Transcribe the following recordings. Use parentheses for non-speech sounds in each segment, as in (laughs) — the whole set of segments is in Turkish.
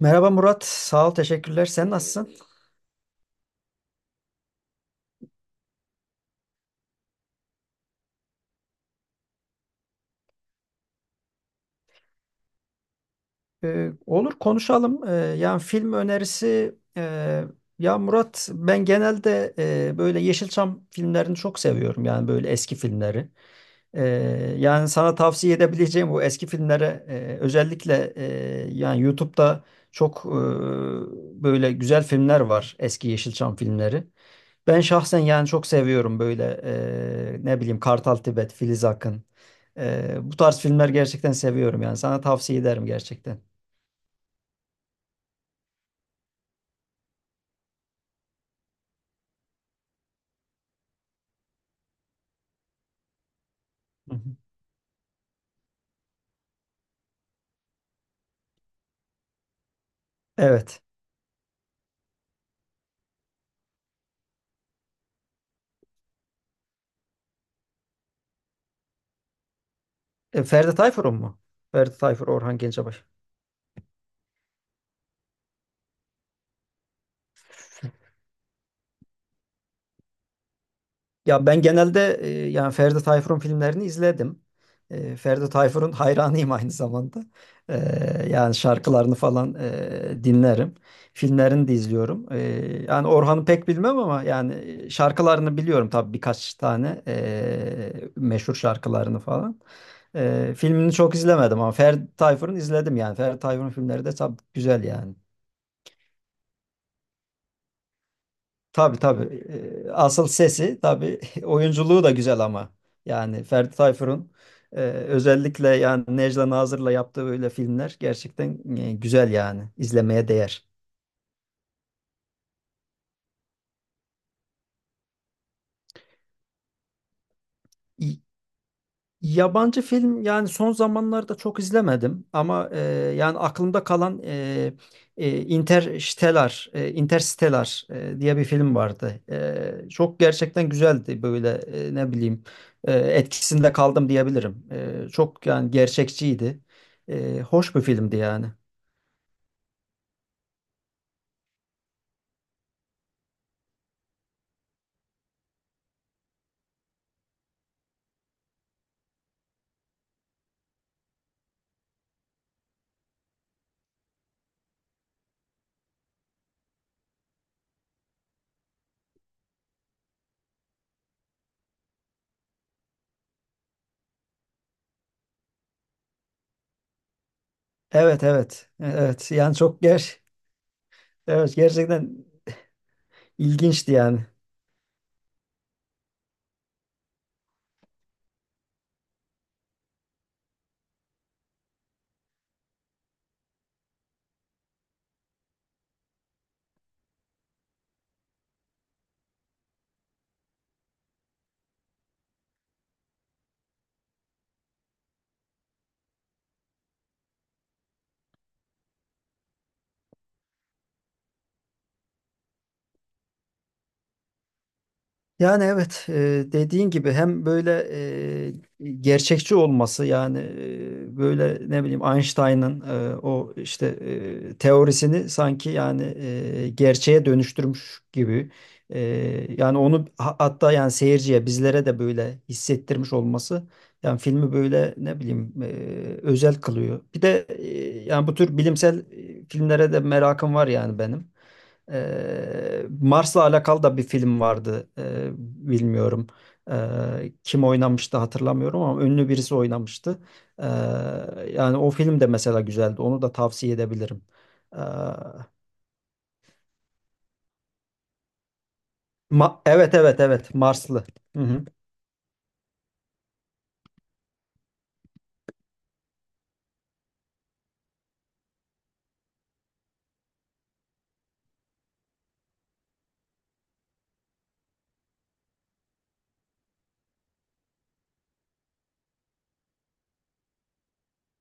Merhaba Murat, sağ ol, teşekkürler. Sen nasılsın? Olur konuşalım. Yani film önerisi, ya Murat ben genelde böyle Yeşilçam filmlerini çok seviyorum. Yani böyle eski filmleri. Yani sana tavsiye edebileceğim bu eski filmlere özellikle yani YouTube'da çok böyle güzel filmler var. Eski Yeşilçam filmleri. Ben şahsen yani çok seviyorum böyle ne bileyim Kartal Tibet, Filiz Akın. Bu tarz filmler gerçekten seviyorum yani sana tavsiye ederim gerçekten. Hı hı. Evet. Ferdi Tayfur'un mu? Ferdi Tayfur, Orhan Gencebay. Ya ben genelde yani Ferdi Tayfur'un filmlerini izledim. Ferdi Tayfur'un hayranıyım aynı zamanda. E, yani şarkılarını falan dinlerim. Filmlerini de izliyorum. Yani Orhan'ı pek bilmem ama yani şarkılarını biliyorum tabii birkaç tane meşhur şarkılarını falan. Filmini çok izlemedim ama Ferdi Tayfur'un izledim yani. Ferdi Tayfur'un filmleri de tabii güzel yani. Tabii, tabii. Asıl sesi tabii (laughs) oyunculuğu da güzel ama. Yani Ferdi Tayfur'un özellikle yani Necla Nazır'la yaptığı böyle filmler gerçekten güzel yani. İzlemeye değer. İyi, yabancı film yani son zamanlarda çok izlemedim ama yani aklımda kalan Interstellar, Interstellar diye bir film vardı. Çok gerçekten güzeldi böyle ne bileyim etkisinde kaldım diyebilirim. Çok yani gerçekçiydi. Hoş bir filmdi yani. Evet, evet. Evet yani çok ger evet, gerçekten ilginçti yani. Yani evet, dediğin gibi hem böyle e, gerçekçi olması yani böyle ne bileyim Einstein'ın o işte teorisini sanki yani gerçeğe dönüştürmüş gibi. E, yani onu hatta yani seyirciye bizlere de böyle hissettirmiş olması yani filmi böyle ne bileyim özel kılıyor. Bir de yani bu tür bilimsel filmlere de merakım var yani benim. Mars'la alakalı da bir film vardı. Bilmiyorum. Kim oynamıştı hatırlamıyorum ama ünlü birisi oynamıştı. Ee, yani o film de mesela güzeldi. Onu da tavsiye edebilirim. Ee, Ma- evet, evet, evet, Marslı. Hı hı.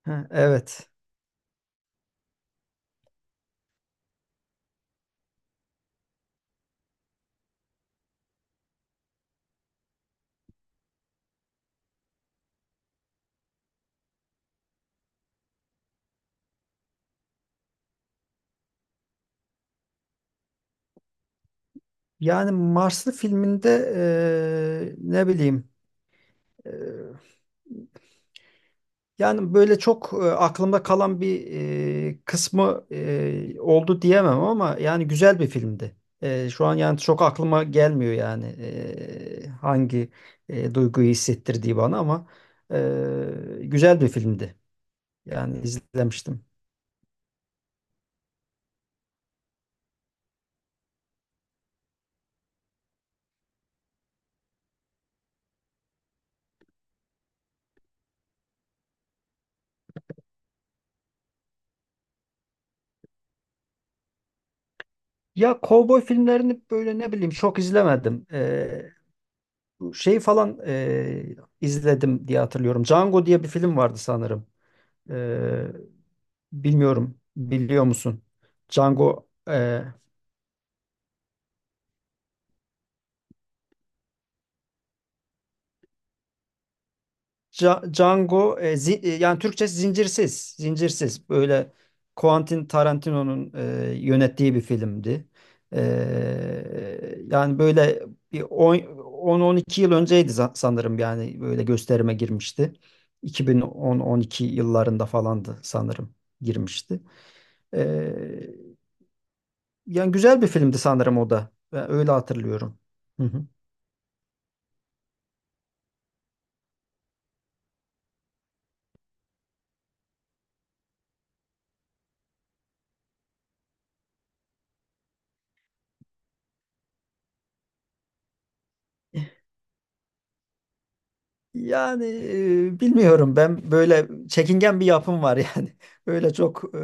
Ha, evet. Yani Marslı filminde ne bileyim, eee, yani böyle çok aklımda kalan bir kısmı oldu diyemem ama yani güzel bir filmdi. Şu an yani çok aklıma gelmiyor yani hangi duyguyu hissettirdiği bana, ama güzel bir filmdi. Yani izlemiştim. Ya kovboy filmlerini böyle ne bileyim çok izlemedim. Bu şey falan izledim diye hatırlıyorum. Django diye bir film vardı sanırım. Ee, bilmiyorum. Biliyor musun? Django e, Django, yani Türkçe zincirsiz. Zincirsiz. Böyle Quentin Tarantino'nun yönettiği bir filmdi. Yani böyle bir 10-12 yıl önceydi, sanırım yani böyle gösterime girmişti. 2010-12 yıllarında falandı sanırım girmişti. Ee, yani güzel bir filmdi sanırım o da. Ben öyle hatırlıyorum. Hı hı. Yani bilmiyorum, ben böyle çekingen bir yapım var yani. (laughs) Öyle çok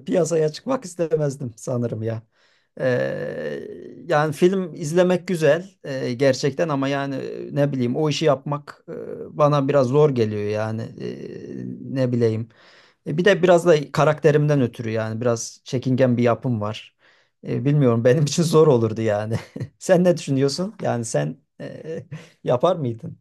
piyasaya çıkmak istemezdim sanırım ya. E, yani film izlemek güzel gerçekten, ama yani ne bileyim o işi yapmak bana biraz zor geliyor yani. Ne bileyim. Bir de biraz da karakterimden ötürü yani biraz çekingen bir yapım var. Bilmiyorum, benim için zor olurdu yani. (laughs) Sen ne düşünüyorsun? Yani sen (laughs) yapar mıydın?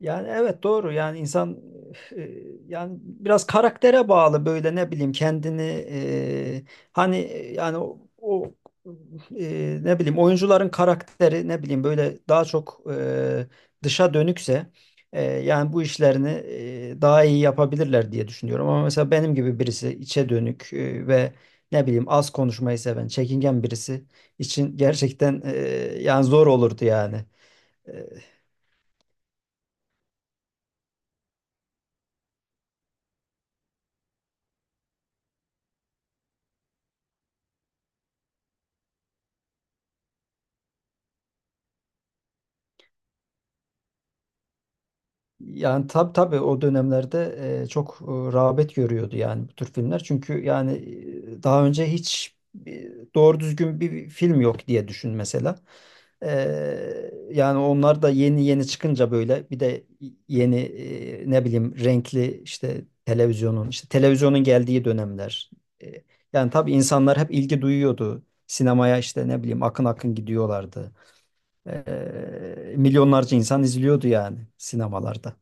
Yani evet, doğru yani insan e, yani biraz karaktere bağlı, böyle ne bileyim kendini e, hani yani o, ne bileyim oyuncuların karakteri ne bileyim böyle daha çok dışa dönükse yani bu işlerini daha iyi yapabilirler diye düşünüyorum, ama mesela benim gibi birisi içe dönük ve ne bileyim az konuşmayı seven çekingen birisi için gerçekten yani zor olurdu yani. E, Yani tabii, tabii o dönemlerde çok rağbet görüyordu yani bu tür filmler. Çünkü yani daha önce hiç doğru düzgün bir film yok diye düşün mesela. E, yani onlar da yeni yeni çıkınca, böyle bir de yeni ne bileyim renkli işte televizyonun geldiği dönemler. E, yani tabii insanlar hep ilgi duyuyordu. Sinemaya işte ne bileyim akın akın gidiyorlardı. Milyonlarca insan izliyordu yani, sinemalarda.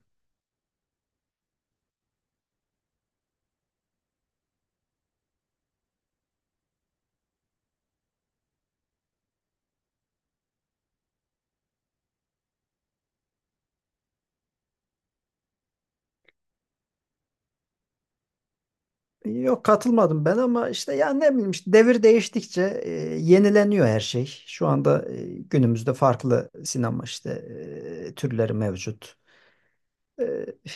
Yok, katılmadım ben, ama işte ya ne bileyim işte devir değiştikçe yenileniyor her şey. Şu anda günümüzde farklı sinema işte türleri mevcut. E,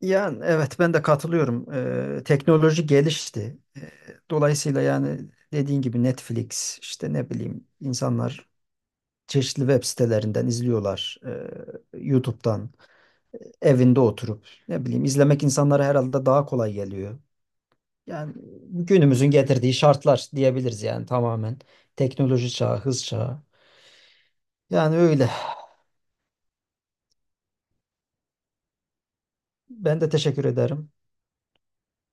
yani evet, ben de katılıyorum. Teknoloji gelişti. Dolayısıyla yani dediğin gibi Netflix işte ne bileyim insanlar çeşitli web sitelerinden izliyorlar. YouTube'dan evinde oturup ne bileyim izlemek insanlara herhalde daha kolay geliyor. Yani günümüzün getirdiği şartlar diyebiliriz yani, tamamen. Teknoloji çağı, hız çağı. Yani öyle. Ben de teşekkür ederim.